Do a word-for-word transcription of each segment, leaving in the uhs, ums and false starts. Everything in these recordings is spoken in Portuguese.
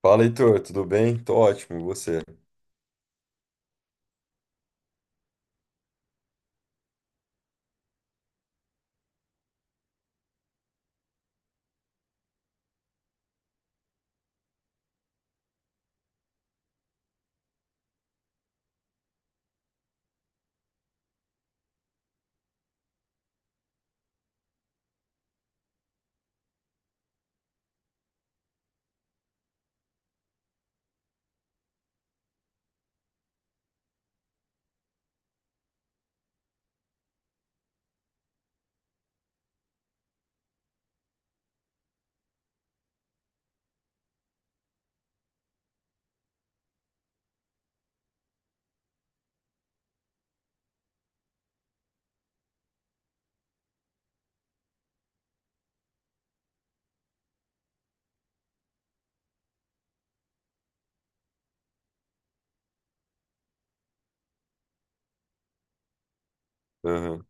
Fala, Heitor, tudo bem? Tô ótimo, e você? Aham,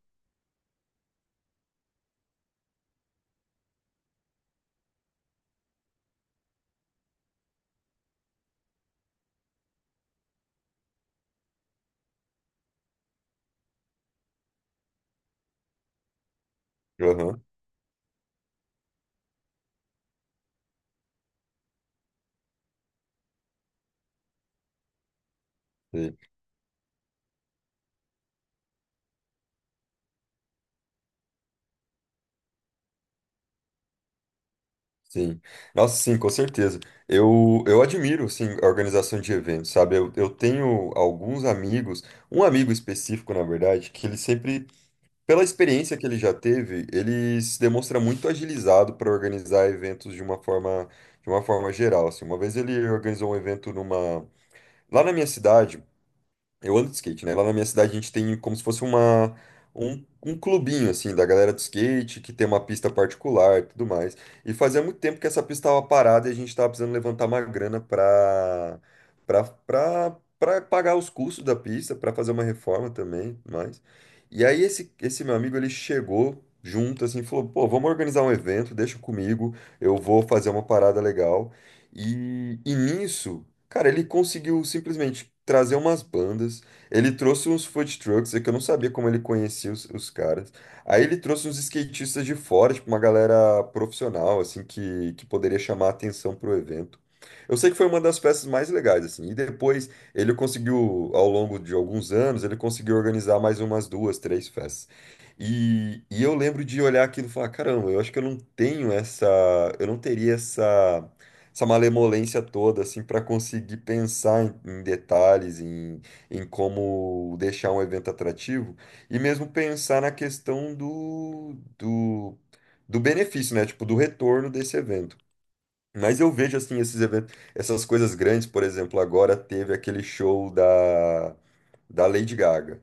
aham, sei, sim. Nossa, sim, com certeza. Eu, eu admiro, sim, a organização de eventos, sabe? Eu, eu tenho alguns amigos, um amigo específico, na verdade, que ele sempre, pela experiência que ele já teve, ele se demonstra muito agilizado para organizar eventos de uma forma, de uma forma geral, assim. Uma vez ele organizou um evento numa, lá na minha cidade. Eu ando de skate, né? Lá na minha cidade a gente tem como se fosse uma, um, um clubinho, assim, da galera do skate, que tem uma pista particular e tudo mais. E fazia muito tempo que essa pista estava parada e a gente estava precisando levantar uma grana para para para para pagar os custos da pista, para fazer uma reforma também, e tudo mais. E aí esse, esse meu amigo, ele chegou junto, assim, e falou, pô, vamos organizar um evento, deixa comigo, eu vou fazer uma parada legal. E, e nisso... Cara, ele conseguiu simplesmente trazer umas bandas, ele trouxe uns food trucks, é que eu não sabia como ele conhecia os, os caras. Aí ele trouxe uns skatistas de fora, tipo uma galera profissional, assim, que, que poderia chamar a atenção pro evento. Eu sei que foi uma das festas mais legais, assim. E depois ele conseguiu, ao longo de alguns anos, ele conseguiu organizar mais umas duas, três festas. E, e eu lembro de olhar aquilo e falar, caramba, eu acho que eu não tenho essa, eu não teria essa essa malemolência toda, assim, para conseguir pensar em, em detalhes, em, em como deixar um evento atrativo, e mesmo pensar na questão do, do, do benefício, né? Tipo, do retorno desse evento. Mas eu vejo assim esses eventos, essas coisas grandes, por exemplo, agora teve aquele show da, da Lady Gaga.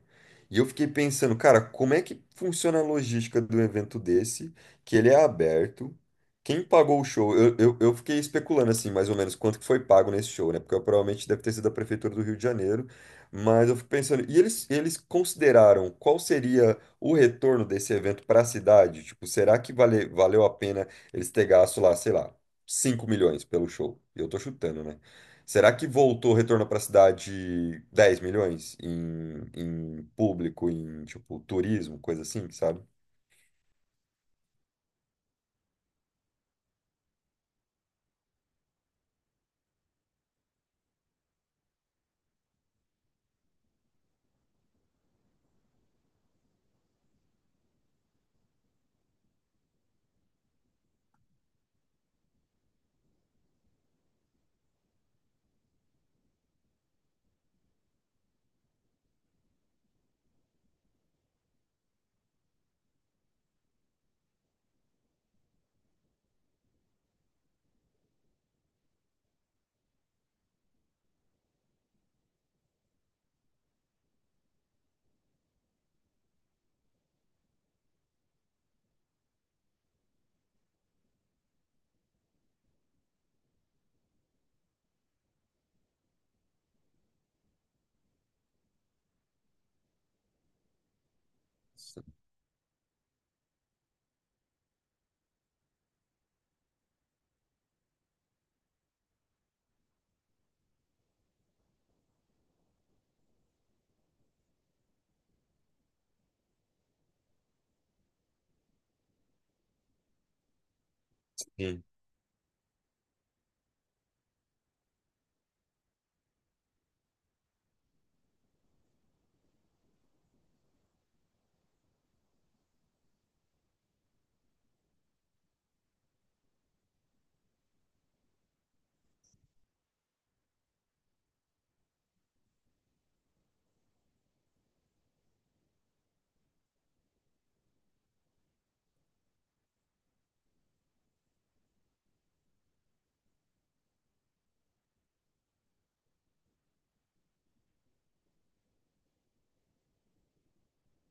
E eu fiquei pensando, cara, como é que funciona a logística de um evento desse, que ele é aberto? Quem pagou o show? Eu, eu, eu fiquei especulando assim, mais ou menos, quanto que foi pago nesse show, né? Porque eu, provavelmente deve ter sido a Prefeitura do Rio de Janeiro. Mas eu fico pensando, e eles, eles consideraram qual seria o retorno desse evento para a cidade? Tipo, será que vale, valeu a pena eles ter gasto lá, sei lá, cinco milhões pelo show. Eu tô chutando, né? Será que voltou o retorno para a cidade dez milhões em, em público, em tipo turismo, coisa assim, sabe? Sim.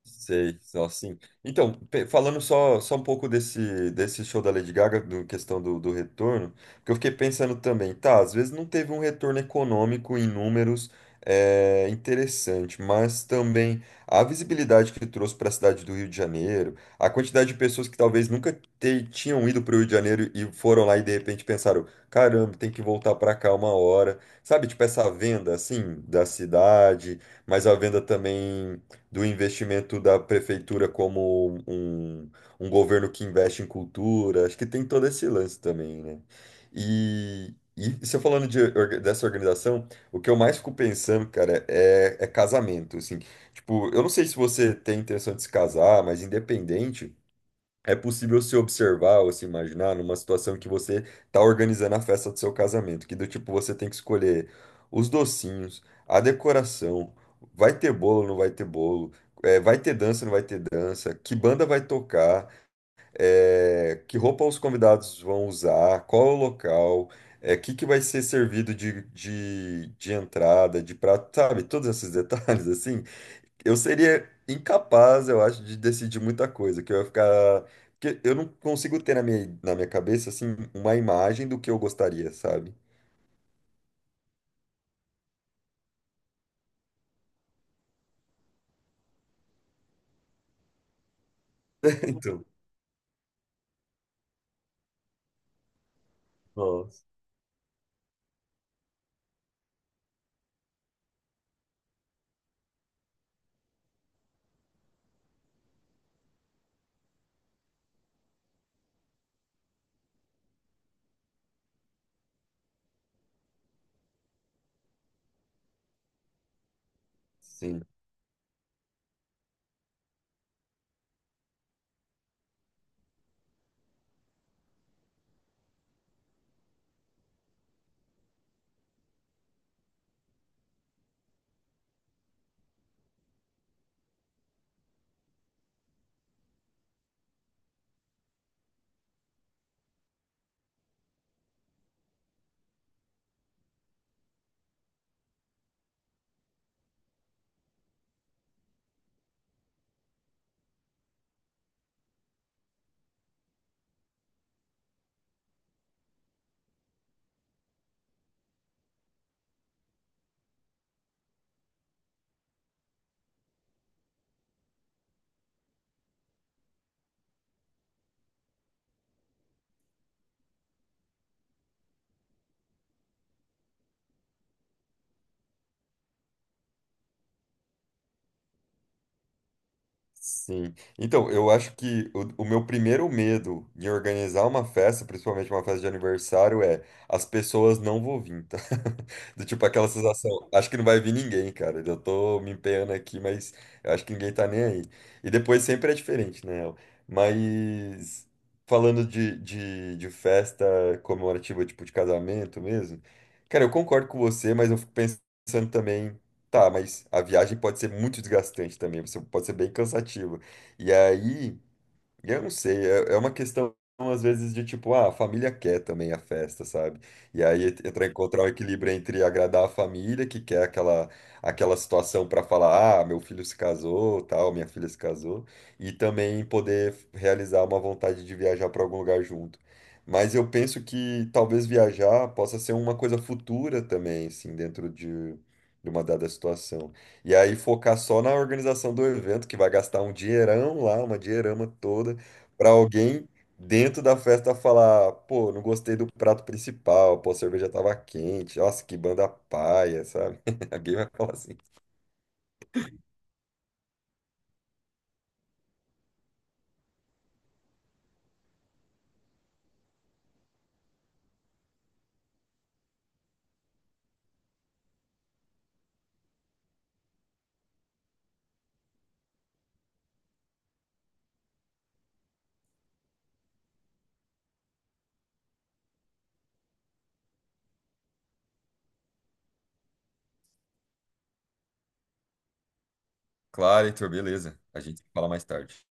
Sei, só assim. Então, pe- falando só, só um pouco desse, desse show da Lady Gaga, do questão do, do retorno, que eu fiquei pensando também, tá, às vezes não teve um retorno econômico em números é, interessante, mas também a visibilidade que trouxe para a cidade do Rio de Janeiro, a quantidade de pessoas que talvez nunca te- tinham ido para o Rio de Janeiro e foram lá e de repente pensaram, caramba, tem que voltar para cá uma hora, sabe, tipo essa venda assim da cidade, mas a venda também do investimento da prefeitura como um, um governo que investe em cultura. Acho que tem todo esse lance também, né? E, e se eu falando de orga- dessa organização, o que eu mais fico pensando, cara, é, é casamento, assim. Tipo, eu não sei se você tem intenção de se casar, mas independente. É possível se observar ou se imaginar numa situação que você tá organizando a festa do seu casamento, que do tipo você tem que escolher os docinhos, a decoração, vai ter bolo, não vai ter bolo, eh, vai ter dança, não vai ter dança, que banda vai tocar, eh, que roupa os convidados vão usar, qual é o local, o que que vai ser servido de, de, de entrada, de prato, sabe? Todos esses detalhes assim. Eu seria incapaz, eu acho, de decidir muita coisa, que eu ia ficar. Porque eu não consigo ter na minha, na minha cabeça, assim, uma imagem do que eu gostaria, sabe? Então, nossa, sim. Sim. Então, eu acho que o, o meu primeiro medo em organizar uma festa, principalmente uma festa de aniversário, é as pessoas não vão vir, tá? Do tipo aquela sensação, acho que não vai vir ninguém, cara. Eu tô me empenhando aqui, mas eu acho que ninguém tá nem aí. E depois sempre é diferente, né? Mas falando de, de, de festa comemorativa, tipo de casamento mesmo, cara, eu concordo com você, mas eu fico pensando também. Tá, mas a viagem pode ser muito desgastante também, você pode ser bem cansativa. E aí, eu não sei, é é uma questão, às vezes, de tipo, ah, a família quer também a festa, sabe? E aí ent- entra encontrar o equilíbrio entre agradar a família, que quer aquela, aquela situação para falar, ah, meu filho se casou, tal, minha filha se casou, e também poder realizar uma vontade de viajar para algum lugar junto. Mas eu penso que talvez viajar possa ser uma coisa futura também, assim, dentro de, de uma dada situação. E aí focar só na organização do evento, que vai gastar um dinheirão lá, uma dinheirama toda para alguém dentro da festa falar, pô, não gostei do prato principal, pô, a cerveja tava quente, nossa, que banda paia, sabe? Alguém vai falar assim. Claro, Heitor, beleza. A gente fala mais tarde.